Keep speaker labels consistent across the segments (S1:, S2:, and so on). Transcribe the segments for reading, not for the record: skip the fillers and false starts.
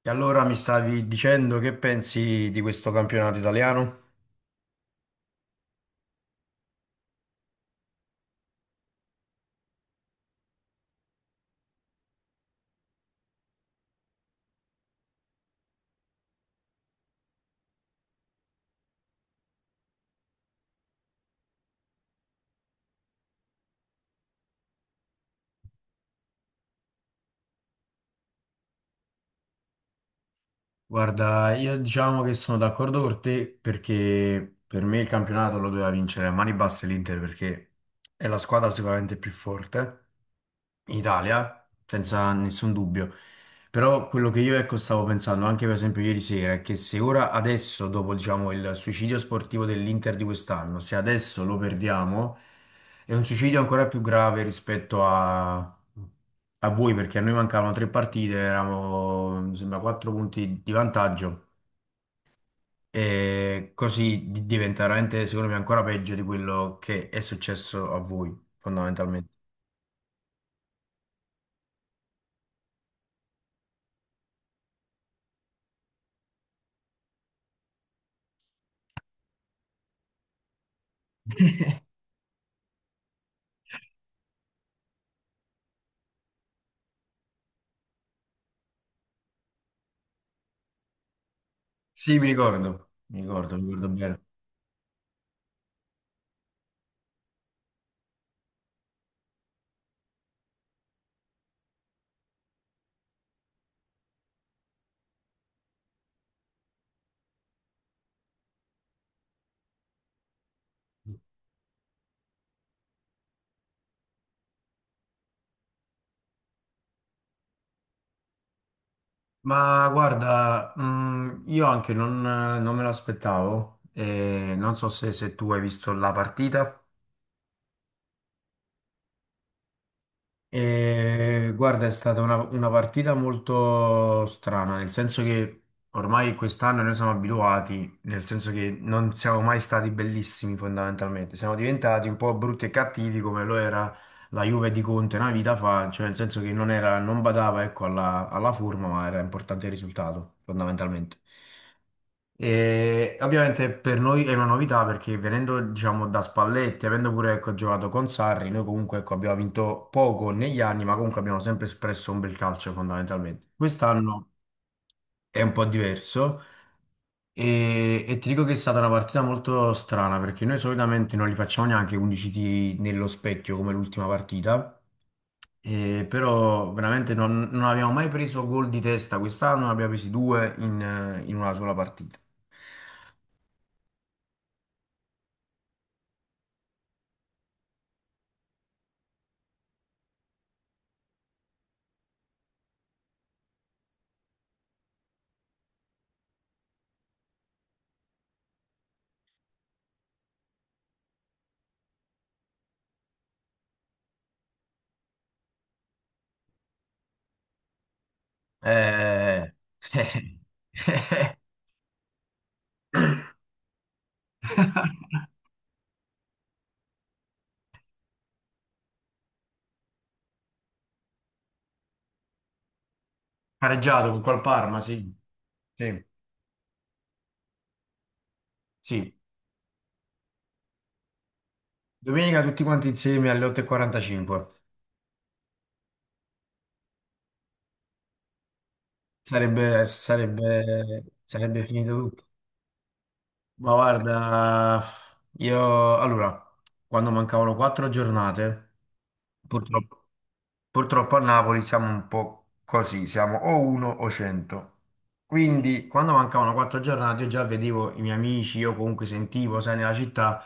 S1: E allora mi stavi dicendo che pensi di questo campionato italiano? Guarda, io diciamo che sono d'accordo con te perché per me il campionato lo doveva vincere a mani basse l'Inter perché è la squadra sicuramente più forte in Italia, senza nessun dubbio. Però quello che io ecco stavo pensando anche per esempio ieri sera è che se ora adesso, dopo diciamo il suicidio sportivo dell'Inter di quest'anno, se adesso lo perdiamo, è un suicidio ancora più grave rispetto a voi, perché a noi mancavano tre partite, eravamo mi sembra quattro punti di vantaggio. E così diventa veramente, secondo me, ancora peggio di quello che è successo a voi, fondamentalmente. Sì, mi ricordo, mi ricordo, mi ricordo bene. Ma guarda, io anche non me l'aspettavo, e non so se tu hai visto la partita. E, guarda, è stata una partita molto strana, nel senso che ormai quest'anno noi siamo abituati, nel senso che non siamo mai stati bellissimi fondamentalmente, siamo diventati un po' brutti e cattivi come lo era la Juve di Conte una vita fa, cioè nel senso che non era, non badava, ecco, alla forma, ma era importante il risultato fondamentalmente. E ovviamente per noi è una novità perché venendo, diciamo, da Spalletti, avendo pure, ecco, giocato con Sarri, noi comunque, ecco, abbiamo vinto poco negli anni, ma comunque abbiamo sempre espresso un bel calcio fondamentalmente. Quest'anno è un po' diverso e ti dico che è stata una partita molto strana perché noi solitamente non li facciamo neanche 11 tiri nello specchio come l'ultima partita. Però veramente non abbiamo mai preso gol di testa quest'anno, ne abbiamo presi due in una sola partita. Eh, pareggiato con col Parma, sì. Sì, sì. Domenica tutti quanti insieme alle 8:45. Sarebbe finito tutto. Ma guarda, io allora, quando mancavano quattro giornate, purtroppo, Purtroppo a Napoli siamo un po' così, siamo o uno o cento. Quindi quando mancavano quattro giornate io già vedevo i miei amici, io comunque sentivo, sai, nella città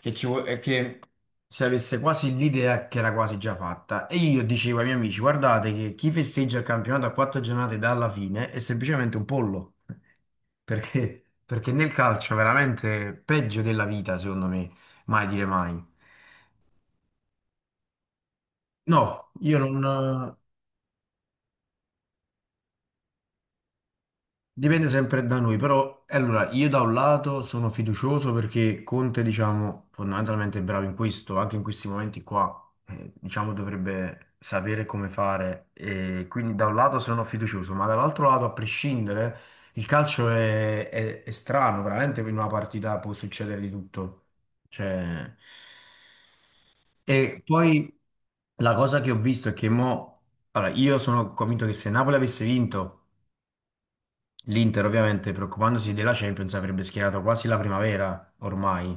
S1: che, che si avesse quasi l'idea che era quasi già fatta. E io dicevo ai miei amici, guardate che chi festeggia il campionato a quattro giornate dalla fine è semplicemente un pollo, perché nel calcio veramente peggio della vita, secondo me, mai dire mai. No, io non. Dipende sempre da noi, però allora io da un lato sono fiducioso perché Conte, diciamo, fondamentalmente è bravo in questo, anche in questi momenti qua, diciamo, dovrebbe sapere come fare e quindi da un lato sono fiducioso, ma dall'altro lato, a prescindere, il calcio è, è strano, veramente in una partita può succedere di tutto. Cioè, e poi la cosa che ho visto è che mo, allora, io sono convinto che se Napoli avesse vinto l'Inter ovviamente preoccupandosi della Champions avrebbe schierato quasi la primavera ormai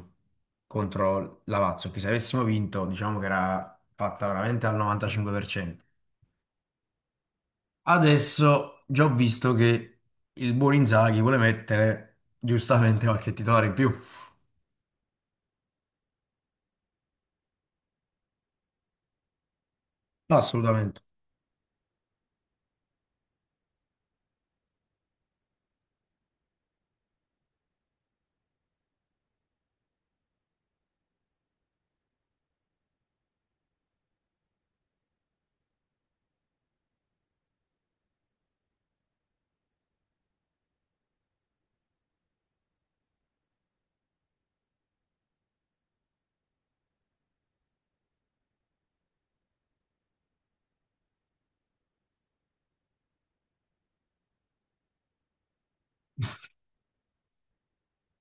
S1: contro la Lazio, che se avessimo vinto diciamo che era fatta veramente al 95%. Adesso già ho visto che il buon Inzaghi vuole mettere giustamente qualche titolare in più. Assolutamente.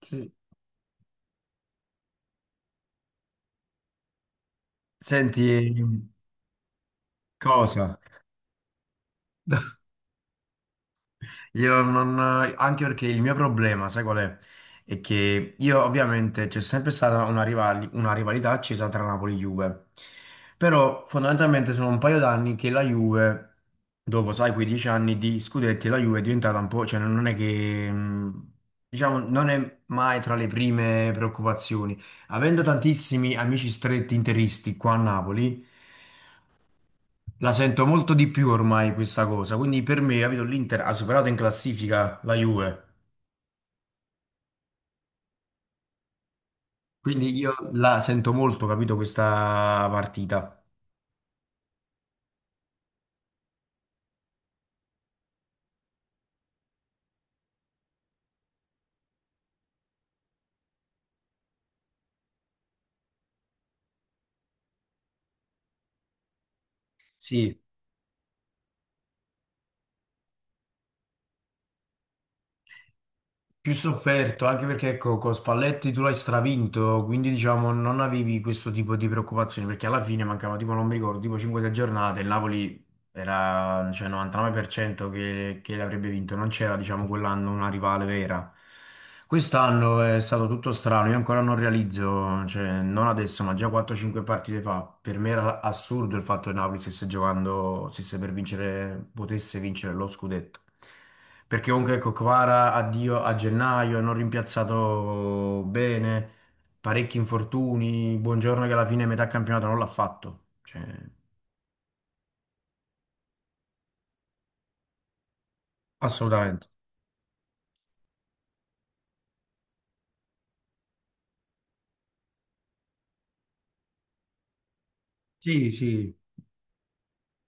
S1: Sì. Senti, cosa? Io non, anche perché il mio problema, sai qual è? È che io ovviamente c'è sempre stata una rivalità accesa tra Napoli e Juve, però fondamentalmente sono un paio d'anni che la Juve, dopo sai, 15 anni di scudetti, la Juve è diventata un po', cioè non è che, diciamo, non è mai tra le prime preoccupazioni. Avendo tantissimi amici stretti interisti qua a Napoli, la sento molto di più ormai questa cosa, quindi per me, capito, l'Inter ha superato in classifica la Juve, quindi io la sento molto, capito, questa partita. Sì, più sofferto, anche perché ecco, con Spalletti tu l'hai stravinto, quindi diciamo non avevi questo tipo di preoccupazioni, perché alla fine mancava tipo, non mi ricordo, tipo 5-6 giornate, il Napoli era cioè, 99% che l'avrebbe vinto, non c'era diciamo quell'anno una rivale vera. Quest'anno è stato tutto strano, io ancora non realizzo, cioè, non adesso, ma già 4-5 partite fa, per me era assurdo il fatto che Napoli stesse giocando, stesse per vincere, potesse vincere lo scudetto. Perché comunque ecco, Kvara addio a gennaio, non rimpiazzato bene, parecchi infortuni, Buongiorno che alla fine metà campionato non l'ha fatto. Cioè, assolutamente. Sì, sì.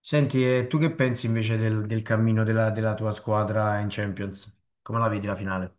S1: Senti, e tu che pensi invece del cammino della tua squadra in Champions? Come la vedi la finale?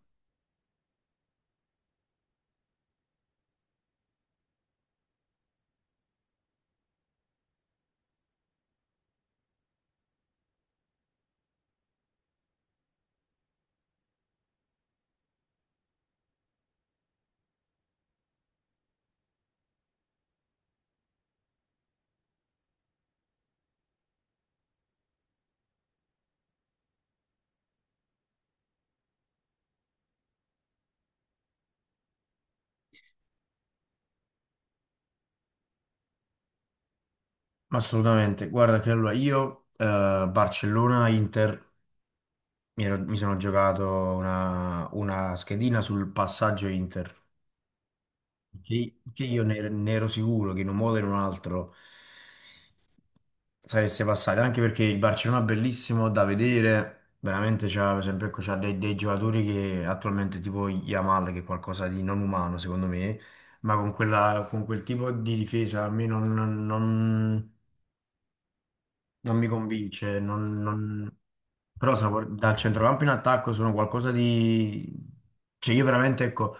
S1: Assolutamente. Guarda che allora io, Barcellona-Inter, mi sono giocato una schedina sul passaggio Inter, che io ne ero sicuro che in un modo o in un altro sareste passati, anche perché il Barcellona è bellissimo da vedere, veramente c'ha, per esempio, ecco, c'ha dei giocatori che attualmente tipo Yamal, che è qualcosa di non umano secondo me, ma con quella, con quel tipo di difesa a me non, non- non- non mi convince, non, non- però dal centrocampo in attacco sono qualcosa di... Cioè io veramente, ecco,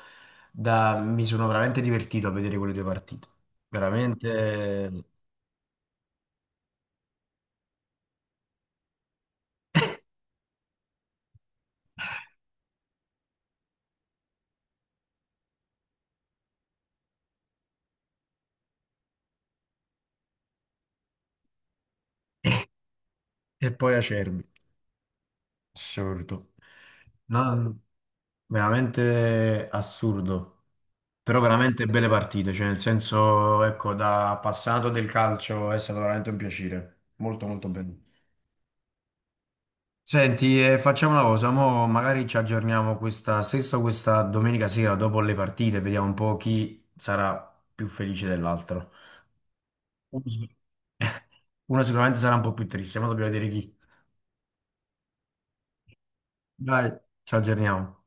S1: mi sono veramente divertito a vedere quelle due partite, veramente... E poi Acerbi. Assurdo. Non- veramente assurdo. Però veramente belle partite, cioè nel senso, ecco, da appassionato del calcio è stato veramente un piacere. Molto molto bello. Senti, facciamo una cosa, mo magari ci aggiorniamo questa stessa questa domenica sera dopo le partite, vediamo un po' chi sarà più felice dell'altro. Uno sic- uno sicuramente sarà un po' più triste, ma dobbiamo vedere chi. Dai, ci aggiorniamo.